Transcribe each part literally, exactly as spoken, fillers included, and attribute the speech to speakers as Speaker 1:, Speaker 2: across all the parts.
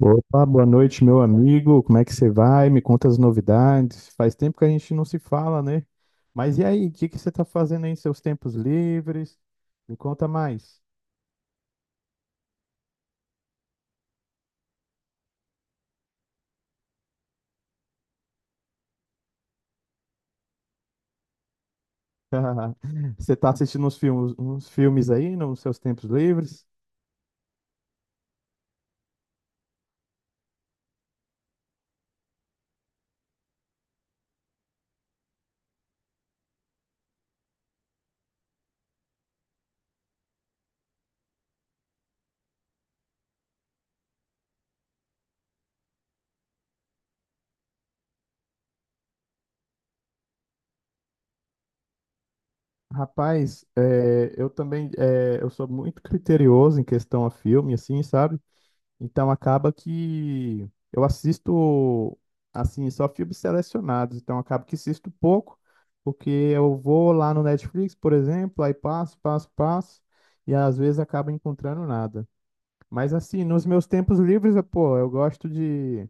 Speaker 1: Opa, boa noite, meu amigo. Como é que você vai? Me conta as novidades. Faz tempo que a gente não se fala, né? Mas e aí, o que que você tá fazendo aí em seus tempos livres? Me conta mais. Você tá assistindo uns filmes, uns filmes aí nos seus tempos livres? Rapaz, é, eu também é, eu sou muito criterioso em questão a filme, assim, sabe? Então acaba que eu assisto assim só filmes selecionados, então acaba que assisto pouco, porque eu vou lá no Netflix, por exemplo, aí passo, passo, passo, e às vezes acabo encontrando nada. Mas assim, nos meus tempos livres, eu, pô, eu gosto de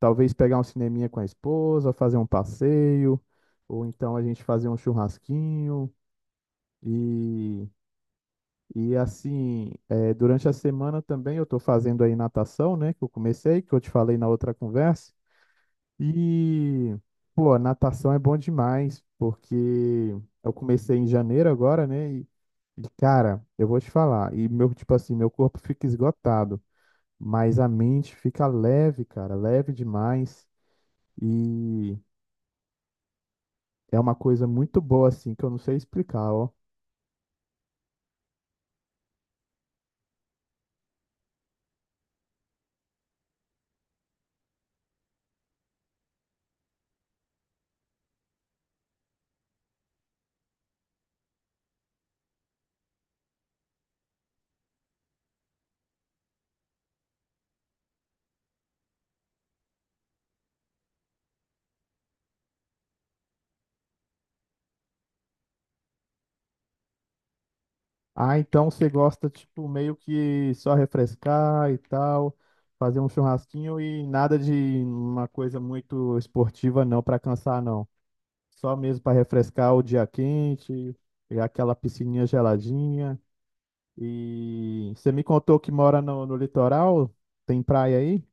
Speaker 1: talvez pegar um cineminha com a esposa, fazer um passeio, ou então a gente fazer um churrasquinho. E E assim, eh, durante a semana também eu estou fazendo aí natação, né? Que eu comecei, que eu te falei na outra conversa. E, pô, natação é bom demais, porque eu comecei em janeiro agora, né? E, e, cara, eu vou te falar. E meu, tipo assim, meu corpo fica esgotado, mas a mente fica leve, cara, leve demais. E é uma coisa muito boa, assim, que eu não sei explicar, ó. Ah, então você gosta, tipo, meio que só refrescar e tal, fazer um churrasquinho e nada de uma coisa muito esportiva não, pra cansar não. Só mesmo pra refrescar o dia quente, e aquela piscininha geladinha. E você me contou que mora no, no litoral, tem praia aí?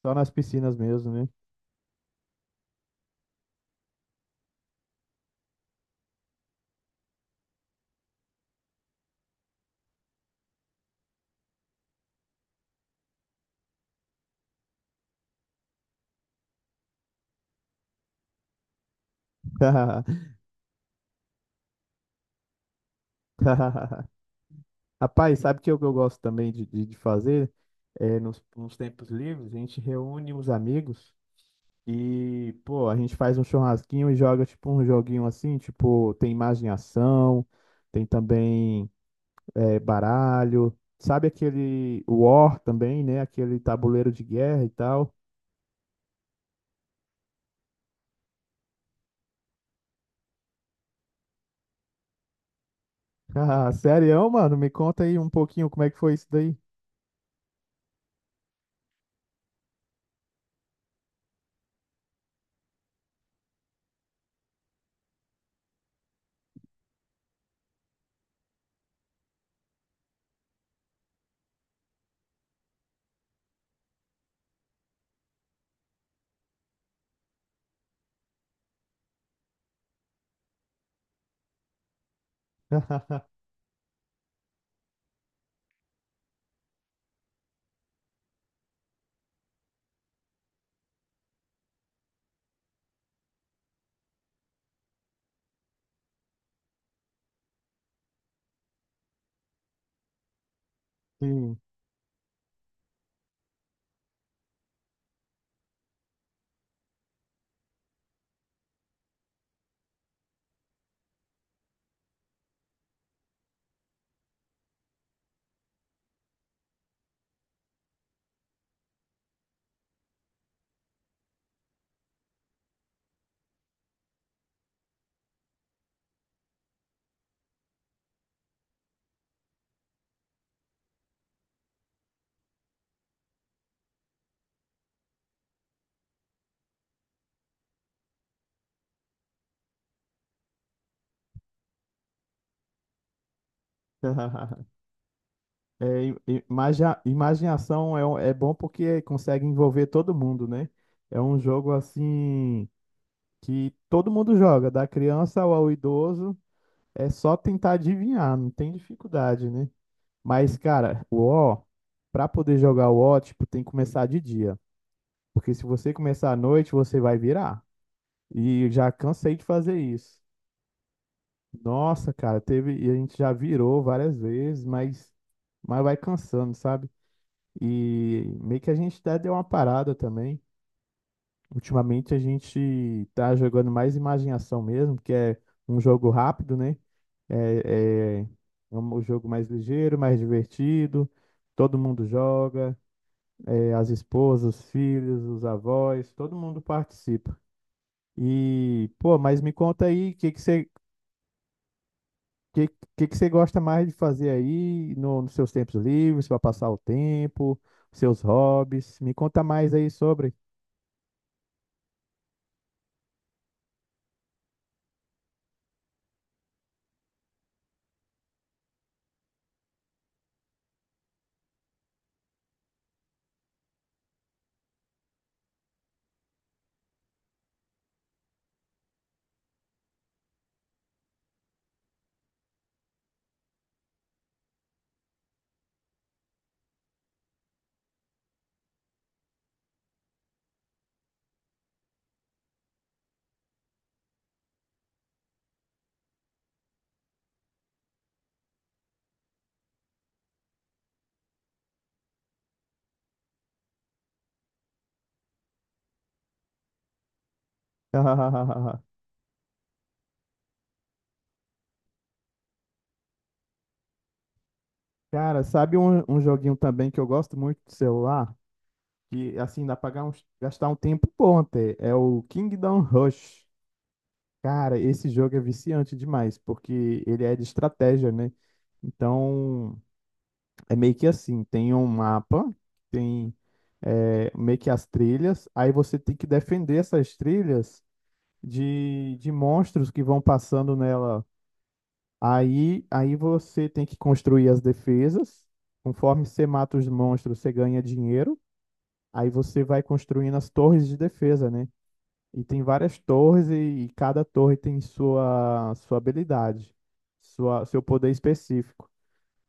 Speaker 1: Só nas piscinas mesmo, né? Rapaz, sabe o que eu, que eu gosto também de, de, de fazer? É, nos, nos tempos livres, a gente reúne os amigos. E, pô, a gente faz um churrasquinho e joga tipo um joguinho assim, tipo, tem imaginação, tem também é, baralho, sabe aquele War também, né? Aquele tabuleiro de guerra e tal. Ah, sério, mano? Me conta aí um pouquinho como é que foi isso daí. Sim. É, i- i- imagia- imaginação é, um- é bom porque consegue envolver todo mundo, né? É um jogo assim que todo mundo joga, da criança ao idoso. É só tentar adivinhar, não tem dificuldade, né? Mas, cara, o O, pra poder jogar o ó tipo, tem que começar de dia. Porque se você começar à noite, você vai virar. E já cansei de fazer isso. Nossa, cara, teve, e a gente já virou várias vezes, mas, mas vai cansando, sabe? E meio que a gente até deu uma parada também. Ultimamente a gente tá jogando mais imaginação mesmo, que é um jogo rápido, né? É, é é um jogo mais ligeiro, mais divertido, todo mundo joga, é, as esposas, os filhos, os avós, todo mundo participa. E, pô, mas me conta aí, o que que você que, que que você gosta mais de fazer aí no, nos seus tempos livres, para passar o tempo, seus hobbies? Me conta mais aí sobre. Cara, sabe um, um joguinho também que eu gosto muito do celular? Que assim dá pra gan- gastar um tempo bom até. É o Kingdom Rush. Cara, esse jogo é viciante demais, porque ele é de estratégia, né? Então, é meio que assim, tem um mapa, tem é, meio que as trilhas, aí você tem que defender essas trilhas de, de monstros que vão passando nela. Aí, aí você tem que construir as defesas. Conforme você mata os monstros, você ganha dinheiro. Aí você vai construindo as torres de defesa, né? E tem várias torres e, e cada torre tem sua, sua habilidade, sua, seu poder específico.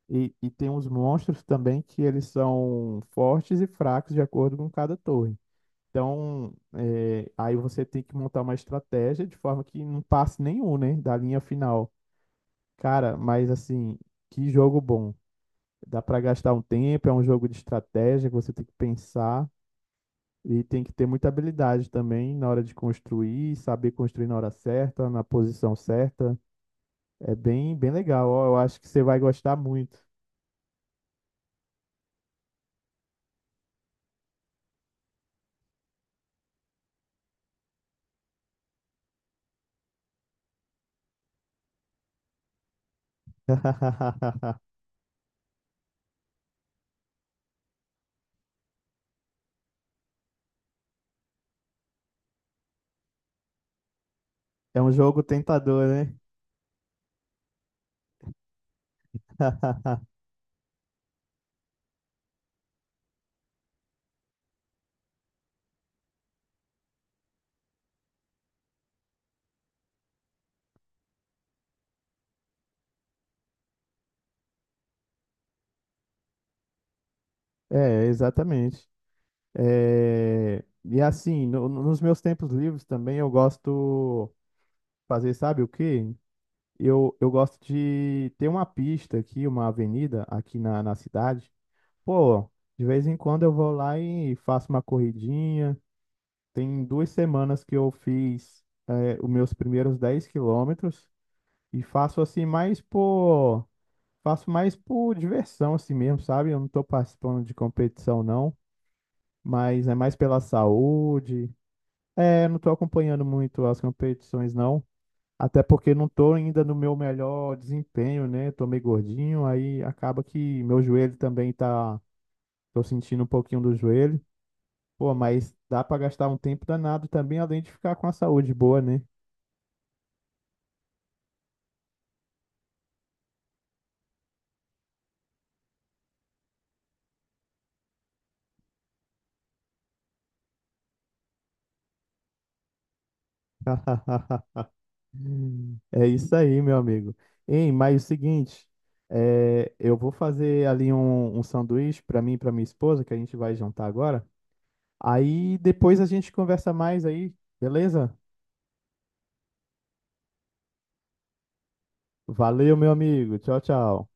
Speaker 1: E, e tem uns monstros também que eles são fortes e fracos de acordo com cada torre. Então, é, aí você tem que montar uma estratégia de forma que não passe nenhum, né, da linha final. Cara, mas assim, que jogo bom. Dá pra gastar um tempo, é um jogo de estratégia que você tem que pensar e tem que ter muita habilidade também na hora de construir, saber construir na hora certa, na posição certa. É bem, bem legal. Ó, eu acho que você vai gostar muito. É um jogo tentador, né? É, exatamente. É, e assim, no- no- nos meus tempos livres também eu gosto fazer, sabe o quê? Eu, eu gosto de ter uma pista aqui, uma avenida aqui na, na cidade. Pô, de vez em quando eu vou lá e faço uma corridinha. Tem duas semanas que eu fiz, é, os meus primeiros dez quilômetros e faço assim mais por. Faço mais por diversão assim mesmo, sabe? Eu não tô participando de competição não, mas é mais pela saúde. É, não tô acompanhando muito as competições não, até porque não tô ainda no meu melhor desempenho, né? Tô meio gordinho, aí acaba que meu joelho também tá, tô sentindo um pouquinho do joelho. Pô, mas dá pra gastar um tempo danado também, além de ficar com a saúde boa, né? É isso aí, meu amigo. Hein, mas é o seguinte, é, eu vou fazer ali um, um sanduíche para mim e para minha esposa, que a gente vai jantar agora. Aí depois a gente conversa mais aí, beleza? Valeu, meu amigo. Tchau, tchau.